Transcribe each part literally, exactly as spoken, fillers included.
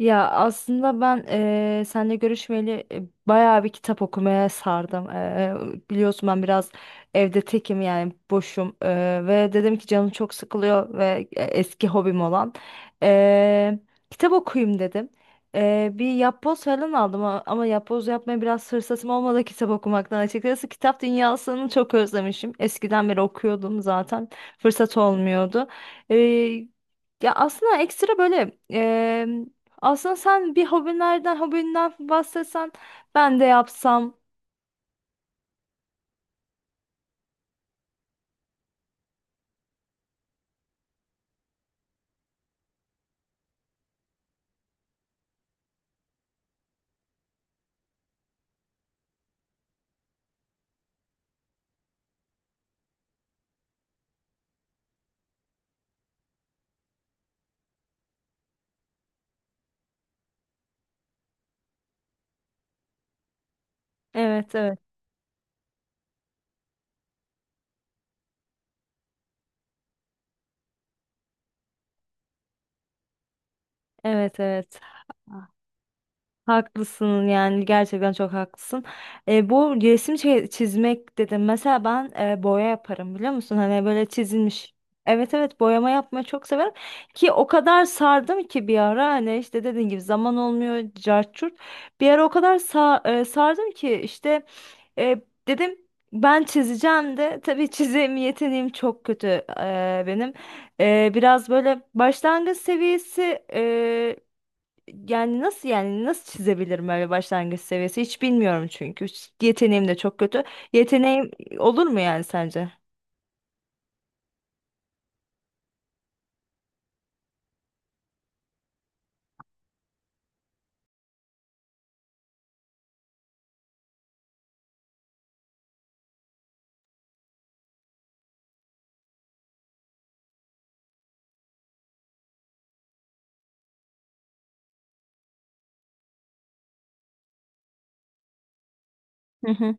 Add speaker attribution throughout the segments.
Speaker 1: Ya aslında ben eee seninle görüşmeli e, bayağı bir kitap okumaya sardım. Eee, biliyorsun ben biraz evde tekim yani boşum. Eee, ve dedim ki canım çok sıkılıyor ve e, eski hobim olan eee, kitap okuyayım dedim. Eee, bir yapboz falan aldım a- ama yapboz yapmaya biraz fırsatım olmadı kitap okumaktan açıkçası. Kitap dünyasını çok özlemişim. Eskiden beri okuyordum zaten, fırsat olmuyordu. Eee, ya aslında ekstra böyle, aslında sen bir hobilerden, hobinden bahsetsen ben de yapsam. Evet, evet. Evet, evet. Haklısın, yani gerçekten çok haklısın. E, bu resim çi- çizmek dedim. Mesela ben e, boya yaparım, biliyor musun? Hani böyle çizilmiş. Evet, evet, boyama yapmayı çok severim, ki o kadar sardım ki bir ara, hani işte dediğin gibi, zaman olmuyor, cart curt. Bir ara o kadar sa e, sardım ki işte, e, dedim ben çizeceğim de, tabii çizim yeteneğim çok kötü e, benim. E, biraz böyle başlangıç seviyesi, e, yani nasıl yani nasıl çizebilirim, öyle başlangıç seviyesi hiç bilmiyorum, çünkü Hiç- yeteneğim de çok kötü. Yeteneğim olur mu yani sence? Hı hı.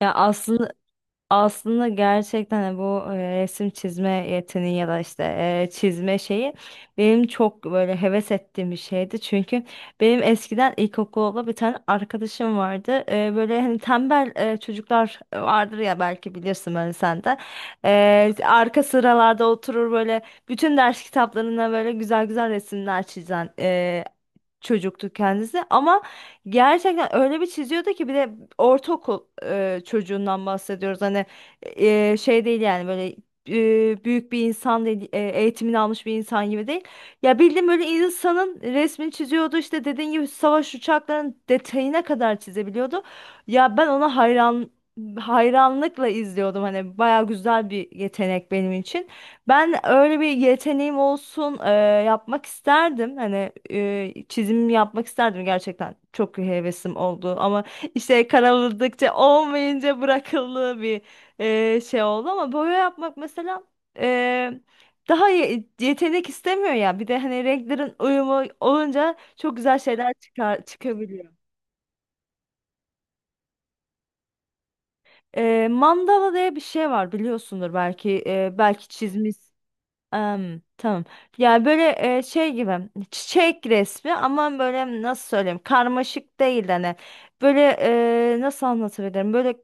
Speaker 1: Ya aslında Aslında gerçekten de bu e, resim çizme yeteneği ya da işte e, çizme şeyi, benim çok böyle heves ettiğim bir şeydi. Çünkü benim eskiden ilkokulda bir tane arkadaşım vardı. E, böyle hani tembel e, çocuklar vardır ya, belki bilirsin böyle sen de. E, arka sıralarda oturur böyle, bütün ders kitaplarına böyle güzel güzel resimler çizen çocuktu kendisi. Ama gerçekten öyle bir çiziyordu ki, bir de ortaokul e, çocuğundan bahsediyoruz, hani e, şey değil yani, böyle e, büyük bir insan değil, e, eğitimini almış bir insan gibi değil, ya bildiğim böyle, insanın resmini çiziyordu, işte dediğin gibi savaş uçaklarının detayına kadar çizebiliyordu. Ya ben ona hayran hayranlıkla izliyordum, hani baya güzel bir yetenek benim için. Ben öyle bir yeteneğim olsun, e, yapmak isterdim. Hani e, çizim yapmak isterdim gerçekten. Çok hevesim oldu, ama işte karaladıkça olmayınca bırakıldığı bir e, şey oldu. Ama boya yapmak mesela, e, daha ye- yetenek istemiyor ya. Bir de hani renklerin uyumu olunca, çok güzel şeyler çıkar çıkabiliyor. E, mandala diye bir şey var, biliyorsundur belki e, belki çizmiş. Em, tamam. Ya böyle, e, şey gibi çiçek resmi, ama böyle nasıl söyleyeyim, karmaşık değil hani, böyle e, nasıl anlatabilirim, böyle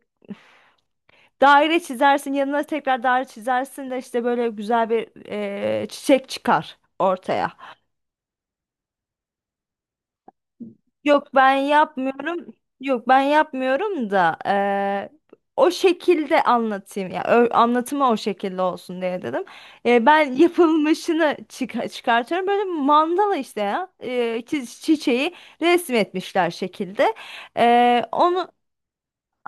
Speaker 1: daire çizersin, yanına tekrar daire çizersin de işte böyle güzel bir e, çiçek çıkar ortaya. Yok, ben yapmıyorum. Yok, ben yapmıyorum da eee, o şekilde anlatayım. Ya ö- anlatımı o şekilde olsun diye dedim. Eee, ben yapılmışını çık- çıkartıyorum. Böyle mandala işte ya. Eee, çi- çiçeği resmetmişler şekilde. Eee, onu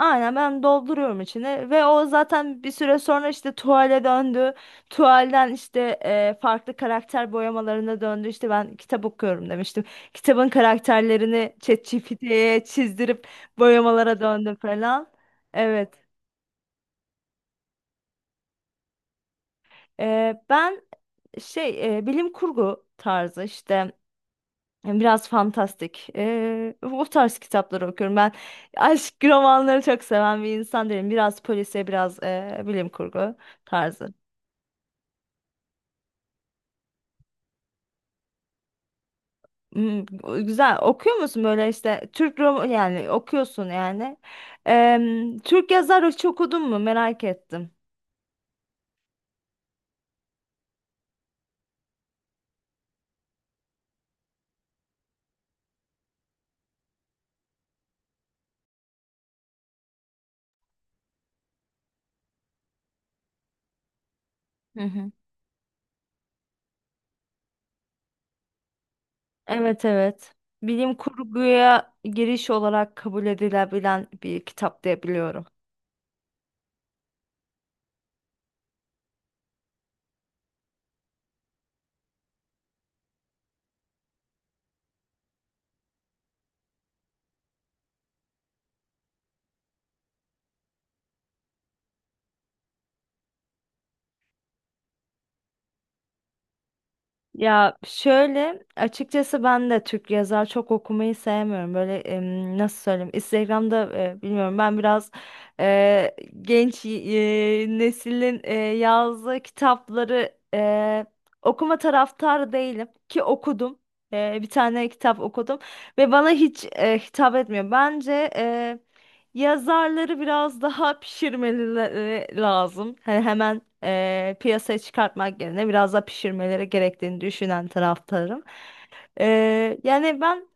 Speaker 1: Aynen, ben dolduruyorum içine, ve o zaten bir süre sonra işte tuvale döndü. Tuvalden işte e, farklı karakter boyamalarına döndü. İşte ben kitap okuyorum demiştim. Kitabın karakterlerini ChatGPT'ye çizdirip boyamalara döndüm falan. Evet. E, ben şey, e, bilim kurgu tarzı işte, biraz fantastik. E, o tarz kitapları okuyorum. Ben aşk romanları çok seven bir insan değilim. Biraz polisiye, biraz e, bilim kurgu tarzı. Hmm, güzel. Okuyor musun böyle işte, Türk roman yani okuyorsun yani. Em, Türk yazar hiç okudun mu? Merak ettim. Hı hı. Evet, evet. Bilim kurguya giriş olarak kabul edilebilen bir kitap diye biliyorum. Ya şöyle açıkçası, ben de Türk yazar çok okumayı sevmiyorum. Böyle, em, nasıl söyleyeyim? Instagram'da e, bilmiyorum, ben biraz e, genç e, neslin e, yazdığı kitapları e, okuma taraftarı değilim, ki okudum. E, bir tane kitap okudum ve bana hiç e, hitap etmiyor. Bence e, yazarları biraz daha pişirmeleri lazım. Hani hemen eee, piyasaya çıkartmak yerine, biraz daha pişirmeleri gerektiğini düşünen taraftarım. Eee, yani ben,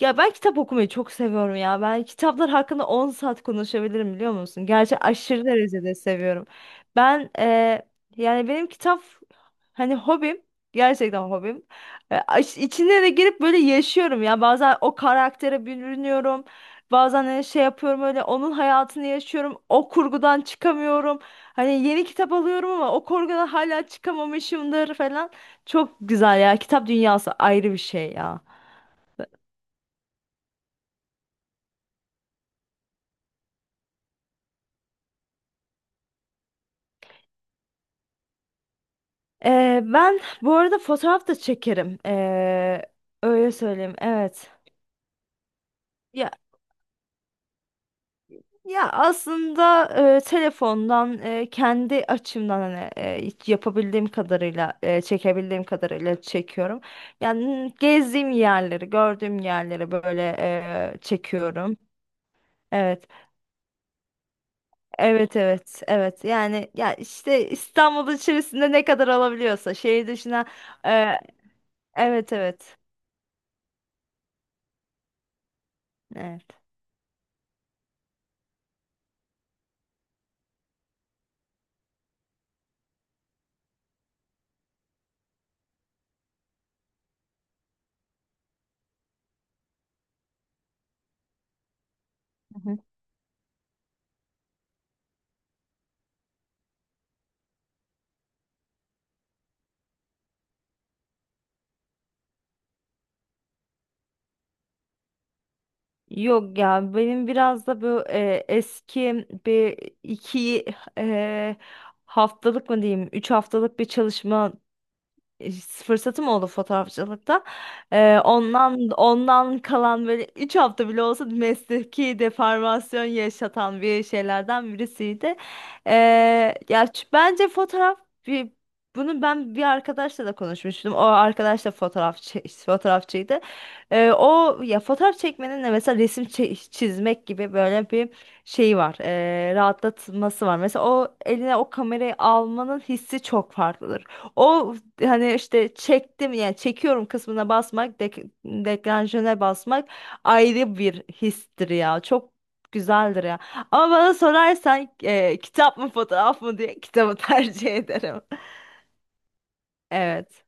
Speaker 1: ya ben kitap okumayı çok seviyorum ya. Ben kitaplar hakkında on saat konuşabilirim, biliyor musun? Gerçi aşırı derecede seviyorum. Ben eee, yani benim kitap hani, hobim. Gerçekten hobim. E, aş- içine de girip böyle yaşıyorum ya. Bazen o karaktere bürünüyorum. Bazen hani şey yapıyorum, öyle onun hayatını yaşıyorum. O kurgudan çıkamıyorum. Hani yeni kitap alıyorum ama o kurgudan hala çıkamamışımdır falan. Çok güzel ya. Kitap dünyası ayrı bir şey ya. Ee, ben bu arada fotoğraf da çekerim. Ee, öyle söyleyeyim. Evet. Ya ya aslında, e, telefondan, e, kendi açımdan hani e, hiç yapabildiğim kadarıyla, e, çekebildiğim kadarıyla çekiyorum. Yani gezdiğim yerleri, gördüğüm yerleri böyle e, çekiyorum. Evet. Evet, evet, evet, yani ya işte İstanbul içerisinde ne kadar alabiliyorsa, şehir dışına, e, evet, evet, evet. Yok ya, benim biraz da bu e, eski, bir iki e, haftalık mı diyeyim, üç haftalık bir çalışma e, fırsatım oldu fotoğrafçılıkta. Ee, ondan ondan kalan, böyle üç hafta bile olsa, mesleki deformasyon yaşatan bir şeylerden birisiydi. Ee, ya ç- bence fotoğraf bir Bunu ben bir arkadaşla da konuşmuştum. O arkadaş da fotoğrafçı, fotoğrafçıydı. Ee, o ya, fotoğraf çekmenin de mesela resim çe- çizmek gibi böyle bir şeyi var. ee, rahatlatması var. Mesela o eline o kamerayı almanın hissi çok farklıdır. O hani işte çektim yani çekiyorum kısmına basmak, dek deklanşöre basmak, ayrı bir histir ya. Çok güzeldir ya. Ama bana sorarsan, e, kitap mı fotoğraf mı diye, kitabı tercih ederim. Evet.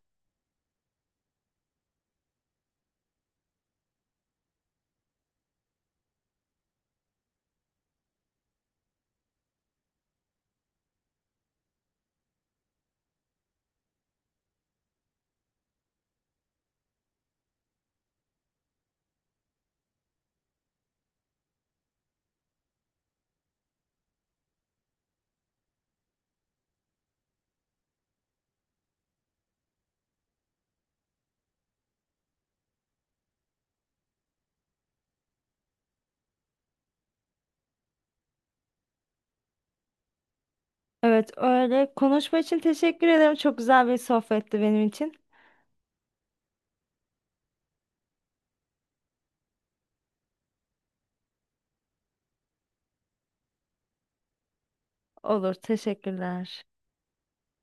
Speaker 1: Evet öyle. Konuşma için teşekkür ederim. Çok güzel bir sohbetti benim için. Olur, teşekkürler.